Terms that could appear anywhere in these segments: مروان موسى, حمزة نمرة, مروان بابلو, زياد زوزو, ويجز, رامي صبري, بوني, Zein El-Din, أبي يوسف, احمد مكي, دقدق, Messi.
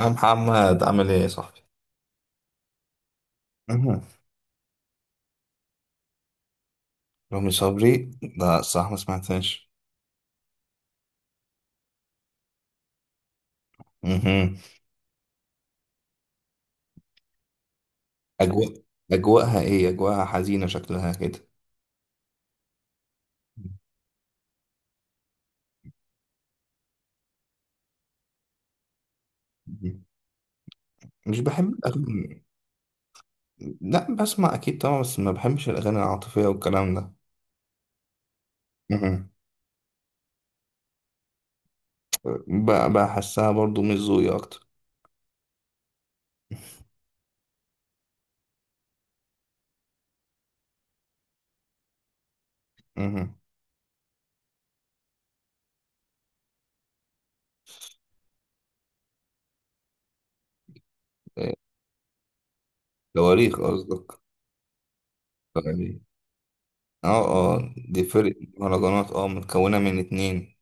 يا محمد عامل ايه يا صاحبي؟ مهم. رامي صبري، لا الصراحة ما سمعتهاش. مهم. أجواء أجواءها إيه؟ أجواءها حزينة شكلها كده. مهم. مش بحب الأغاني. لا بسمع أكيد طبعا، بس ما بحبش الأغاني العاطفية والكلام ده. مهم. بحسها برضو مش ذوقي أكتر. مهم. إيه، تواريخ قصدك. تواريخ. اه، اه دي فرقة مهرجانات متكونة من اتنين.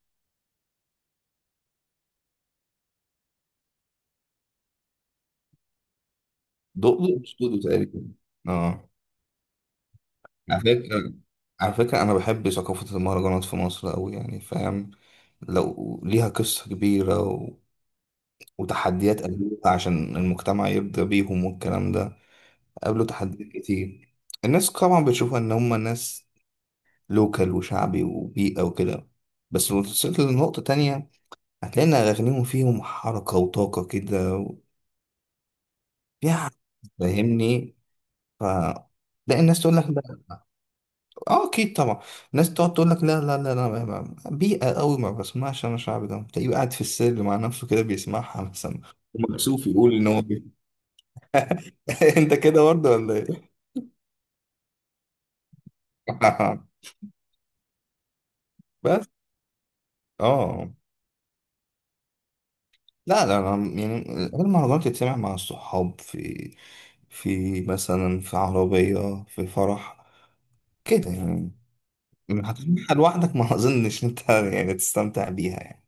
دقدق وسودو تقريبا. اه، على فكرة على فكرة أنا بحب ثقافة المهرجانات في مصر أوي، يعني فاهم؟ لو ليها قصة كبيرة وتحديات قابلوها عشان المجتمع يرضى بيهم والكلام ده. قابلوا تحديات كتير. الناس طبعا بتشوفها إن هما ناس لوكال وشعبي وبيئة وكده. بس لو وصلت لنقطة تانية هتلاقي إن أغانيهم فيهم حركة وطاقة كده فيها حاجة، فاهمني؟ ف تلاقي الناس تقول لك اه اكيد طبعا. الناس تقعد تقول لك لا لا لا لا بيئه قوي ما بسمعش، انا شعبي ده، تلاقيه قاعد في السر مع نفسه كده بيسمعها مثلا. ومكسوف يقول ان هو انت كده برضه ولا ايه؟ بس. اه، لا لا أنا يعني المهرجانات تتسمع مع الصحاب، في مثلا في عربيه، في فرح، كده يعني. هتسمعها لوحدك؟ ما اظنش انت يعني تستمتع بيها يعني.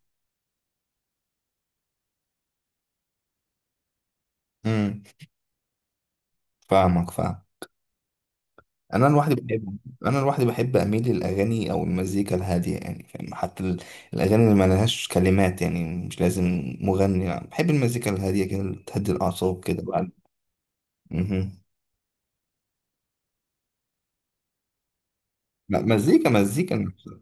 امم فاهمك فاهم. انا لوحدي بحب انا لوحدي بحب اميل للاغاني او المزيكا الهاديه يعني فاهم، حتى الاغاني اللي ما لهاش كلمات، يعني مش لازم مغني، يعني بحب المزيكا الهاديه كده اللي تهدي الاعصاب كده بعد. مهم. لا، مزيكا مزيكا نفسها.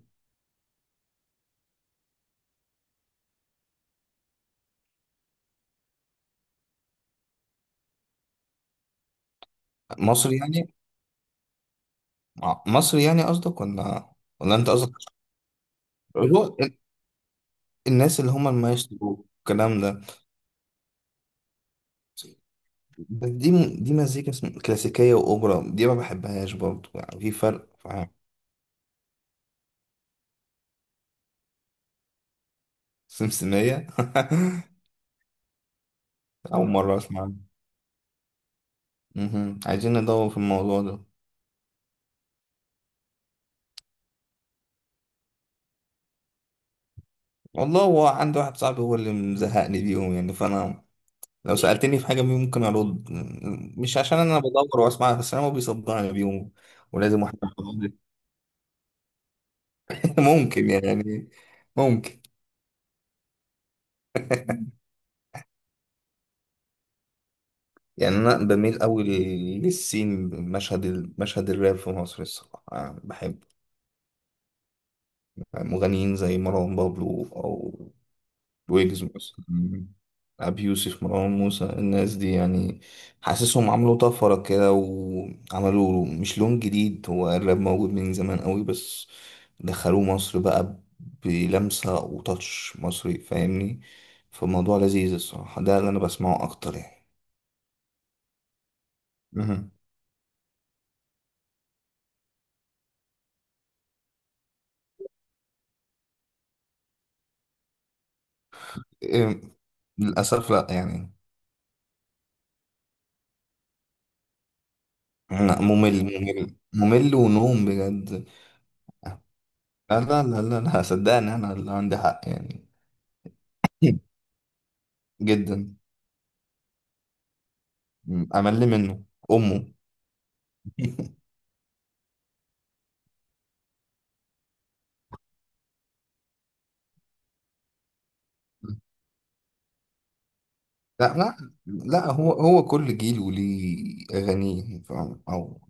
مصري يعني؟ مصري يعني قصدك ولا؟ ولا انت قصدك هو ال- الناس اللي هم المايسترو الكلام ده؟ بس دي دي مزيكا كلاسيكيه واوبرا، دي ما بحبهاش برضه يعني، في فرق فاهم. سمسميه. اول مره اسمع. مهم. عايزين ندور في الموضوع ده. والله هو عندي واحد صاحبي هو اللي مزهقني بيهم، يعني فانا لو سألتني في حاجة بيهم ممكن أرد، مش عشان أنا بدور وأسمعها، بس أنا ما بيصدقني بيهم ولازم واحد يقول لي. ممكن يعني، ممكن. يعني أنا بميل أوي للسين، مشهد الراب في مصر الصراحة أنا بحب مغنيين زي مروان بابلو، او ويجز مثلا، أبي يوسف، مروان موسى، الناس دي يعني. حاسسهم عملوا طفرة كده وعملوا مش لون جديد، هو الراب موجود من زمان قوي بس دخلوه مصر بقى بلمسة وتاتش مصري، فاهمني؟ فالموضوع لذيذ الصراحة، ده اللي أنا بسمعه أكتر يعني. مهم. إيه، للأسف لأ يعني. لأ، ممل ممل ممل ونوم بجد. لا لا لا لا لا، صدقني أنا اللي عندي حق يعني. جدا. امل منه. امه. لا لا لا، هو هو كل جيل وليه اغانيه فاهم؟ او.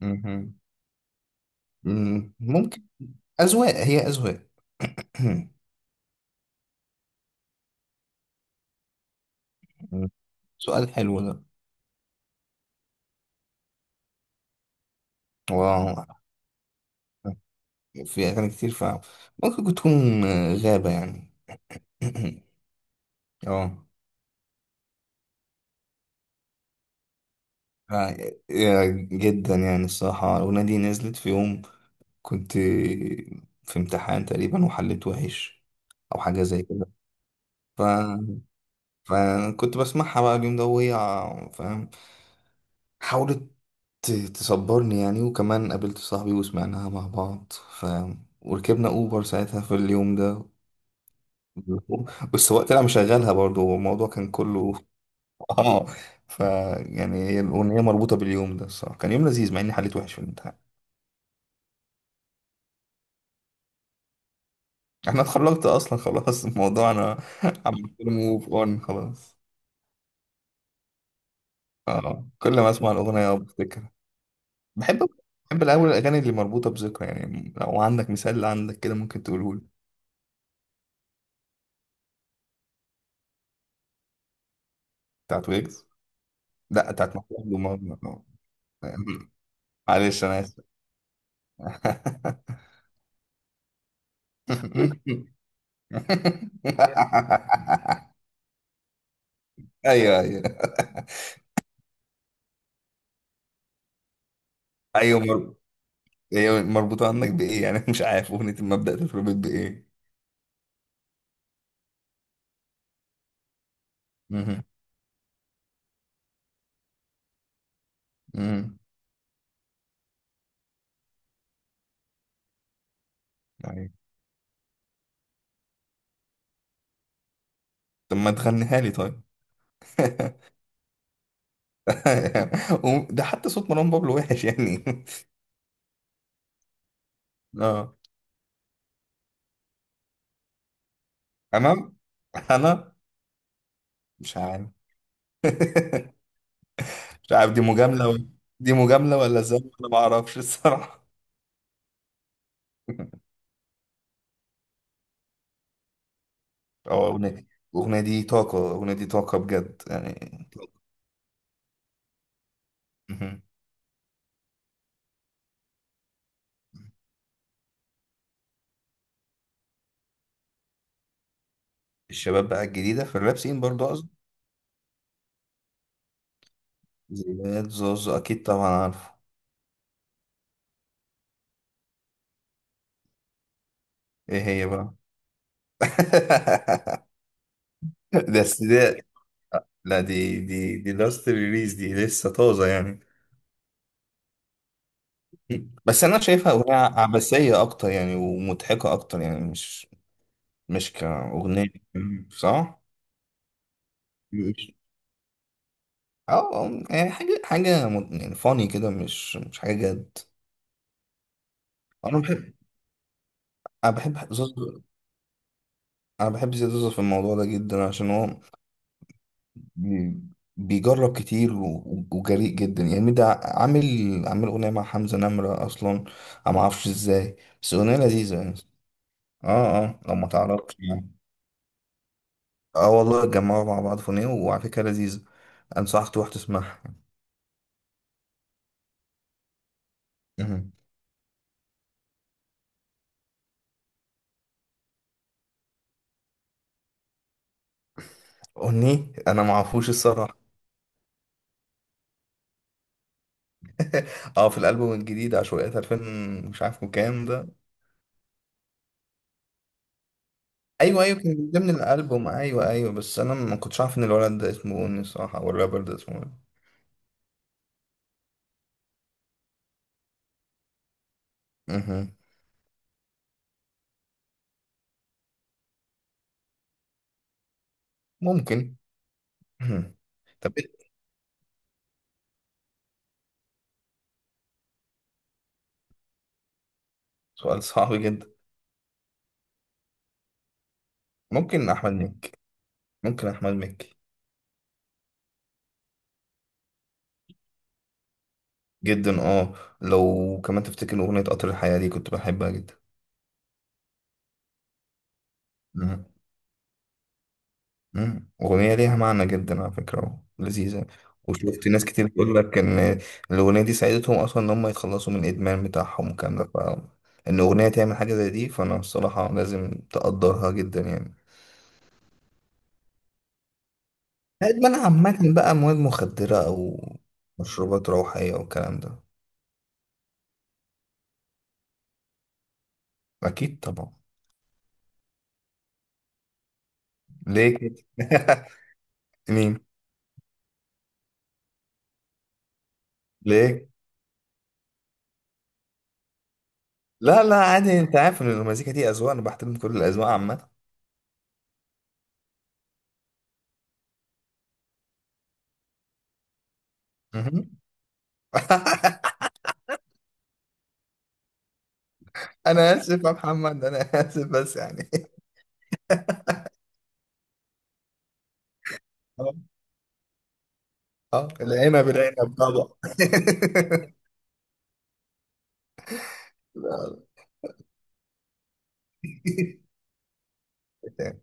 مهم. مم. ممكن. اذواق هي اذواق. سؤال حلو ده. واو. في اغاني كتير فاهم. ممكن تكون غابة يعني. اه، آه، جدا يعني الصراحة الأغنية دي نزلت في يوم كنت في امتحان تقريبا وحليت وحش. أو حاجة زي كده. فكنت بسمعها بقى اليوم ده، وهي فاهم حاولت تصبرني يعني. وكمان قابلت صاحبي وسمعناها مع بعض فاهم، وركبنا أوبر ساعتها في اليوم ده. والسواق طلع مشغلها برضه، والموضوع كان كله اه. ف يعني هي الأغنية مربوطة باليوم ده الصراحة، كان يوم لذيذ مع إني حليت وحش في الامتحان. أنا اتخرجت أصلا خلاص الموضوع، أنا عملت له موف أون خلاص. اه، كل ما أسمع الأغنية بفتكر. بحب بحب الأول الأغاني اللي مربوطة بذكرى، يعني لو عندك مثال عندك كده ممكن تقوله لي. بتاعت ويجز؟ لا، بتاعت محمود ومروان بابلو. معلش أنا آسف. أيوه أيوه أيوه. هي مربوطة عندك بإيه يعني؟ مش عارف أغنية المبدأ تتربط بإيه. مهم. مهم. أيوه. طب ما تغنيها لي طيب. ده حتى صوت مروان بابلو وحش يعني. اه، تمام. انا مش عارف. مش عارف دي مجاملة دي مجاملة ولا ازاي، انا ما اعرفش الصراحة. اه اغنية، الاغنية دي طاقة، الاغنية دي طاقة بجد يعني. مهم. الشباب بقى الجديدة في الراب سين برضو قصدي. زياد زوزو اكيد طبعا عارفه. ايه هي بقى؟ بس ده. لا، دي لاست ريليز، دي لسه طازة يعني. بس انا شايفها اغنية عبثية اكتر يعني، ومضحكة اكتر يعني، مش كاغنية، صح؟ اه، يعني حاجة يعني فاني كده، مش حاجة جد. انا بحب انا بحب زوزو، انا بحب زياد زوزو في الموضوع ده جدا عشان هو بي- بيجرب كتير وجريء جدا يعني، ده عامل اغنية مع حمزة نمرة اصلا، انا ما اعرفش ازاي، بس اغنية لذيذة يعني. اه اه لو ما تعرفش يعني. اه، والله اتجمعوا مع بعض في اغنية وعلى فكرة لذيذة، انصحك تروح تسمعها. مهم. اغنية انا ما اعرفوش الصراحة. اه، في الالبوم الجديد عشوائيات 2000، مش عارف كام ده. ايوه ايوه كان من ضمن الالبوم، ايوه ايوه، بس انا ما كنتش عارف ان الولد ده اسمه بوني الصراحه، او الرابر ده اسمه بوني. مهم. ممكن. مهم. طب إيه؟ سؤال صعب جدا. ممكن احمد مكي ممكن احمد مكي جدا اه. لو كمان تفتكر اغنيه قطر الحياه دي كنت بحبها جدا. مم. أغنية ليها معنى جدا على فكرة لذيذة. وشفت ناس كتير بتقول لك إن الأغنية دي ساعدتهم أصلا إن هم يتخلصوا من الإدمان بتاعهم والكلام ده، فإن أغنية تعمل حاجة زي دي فأنا الصراحة لازم تقدرها جدا يعني. الإدمان عامة بقى، مواد مخدرة أو مشروبات روحية والكلام ده. أكيد طبعا. ليه كده؟ مين؟ ليه؟ لا لا عادي، أنت عارف إن المزيكا دي أذواق، أنا بحترم كل الأذواق عامة. مهم. أنا آسف يا محمد، أنا آسف بس يعني. اه، العنب العنب طبعا. لا، لا.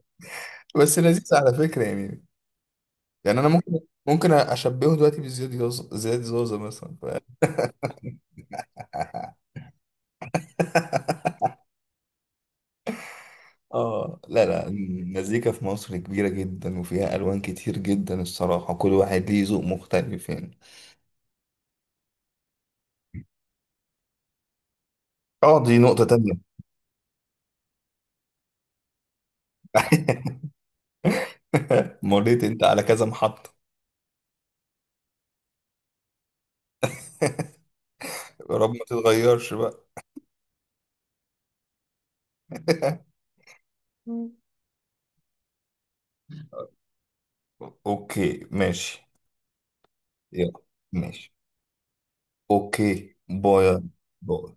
بس لذيذ على فكرة يعني. يعني انا ممكن اشبهه دلوقتي بزياد زوزة مثلا اه، لا لا، المزيكا في مصر كبيرة جدا وفيها الوان كتير جدا الصراحة، كل واحد ليه ذوق مختلف يعني. اه، دي نقطة تانية. مريت انت على كذا محطة. يا رب ما تتغيرش بقى. اوكي ماشي. يلا ماشي. اوكي، باي باي.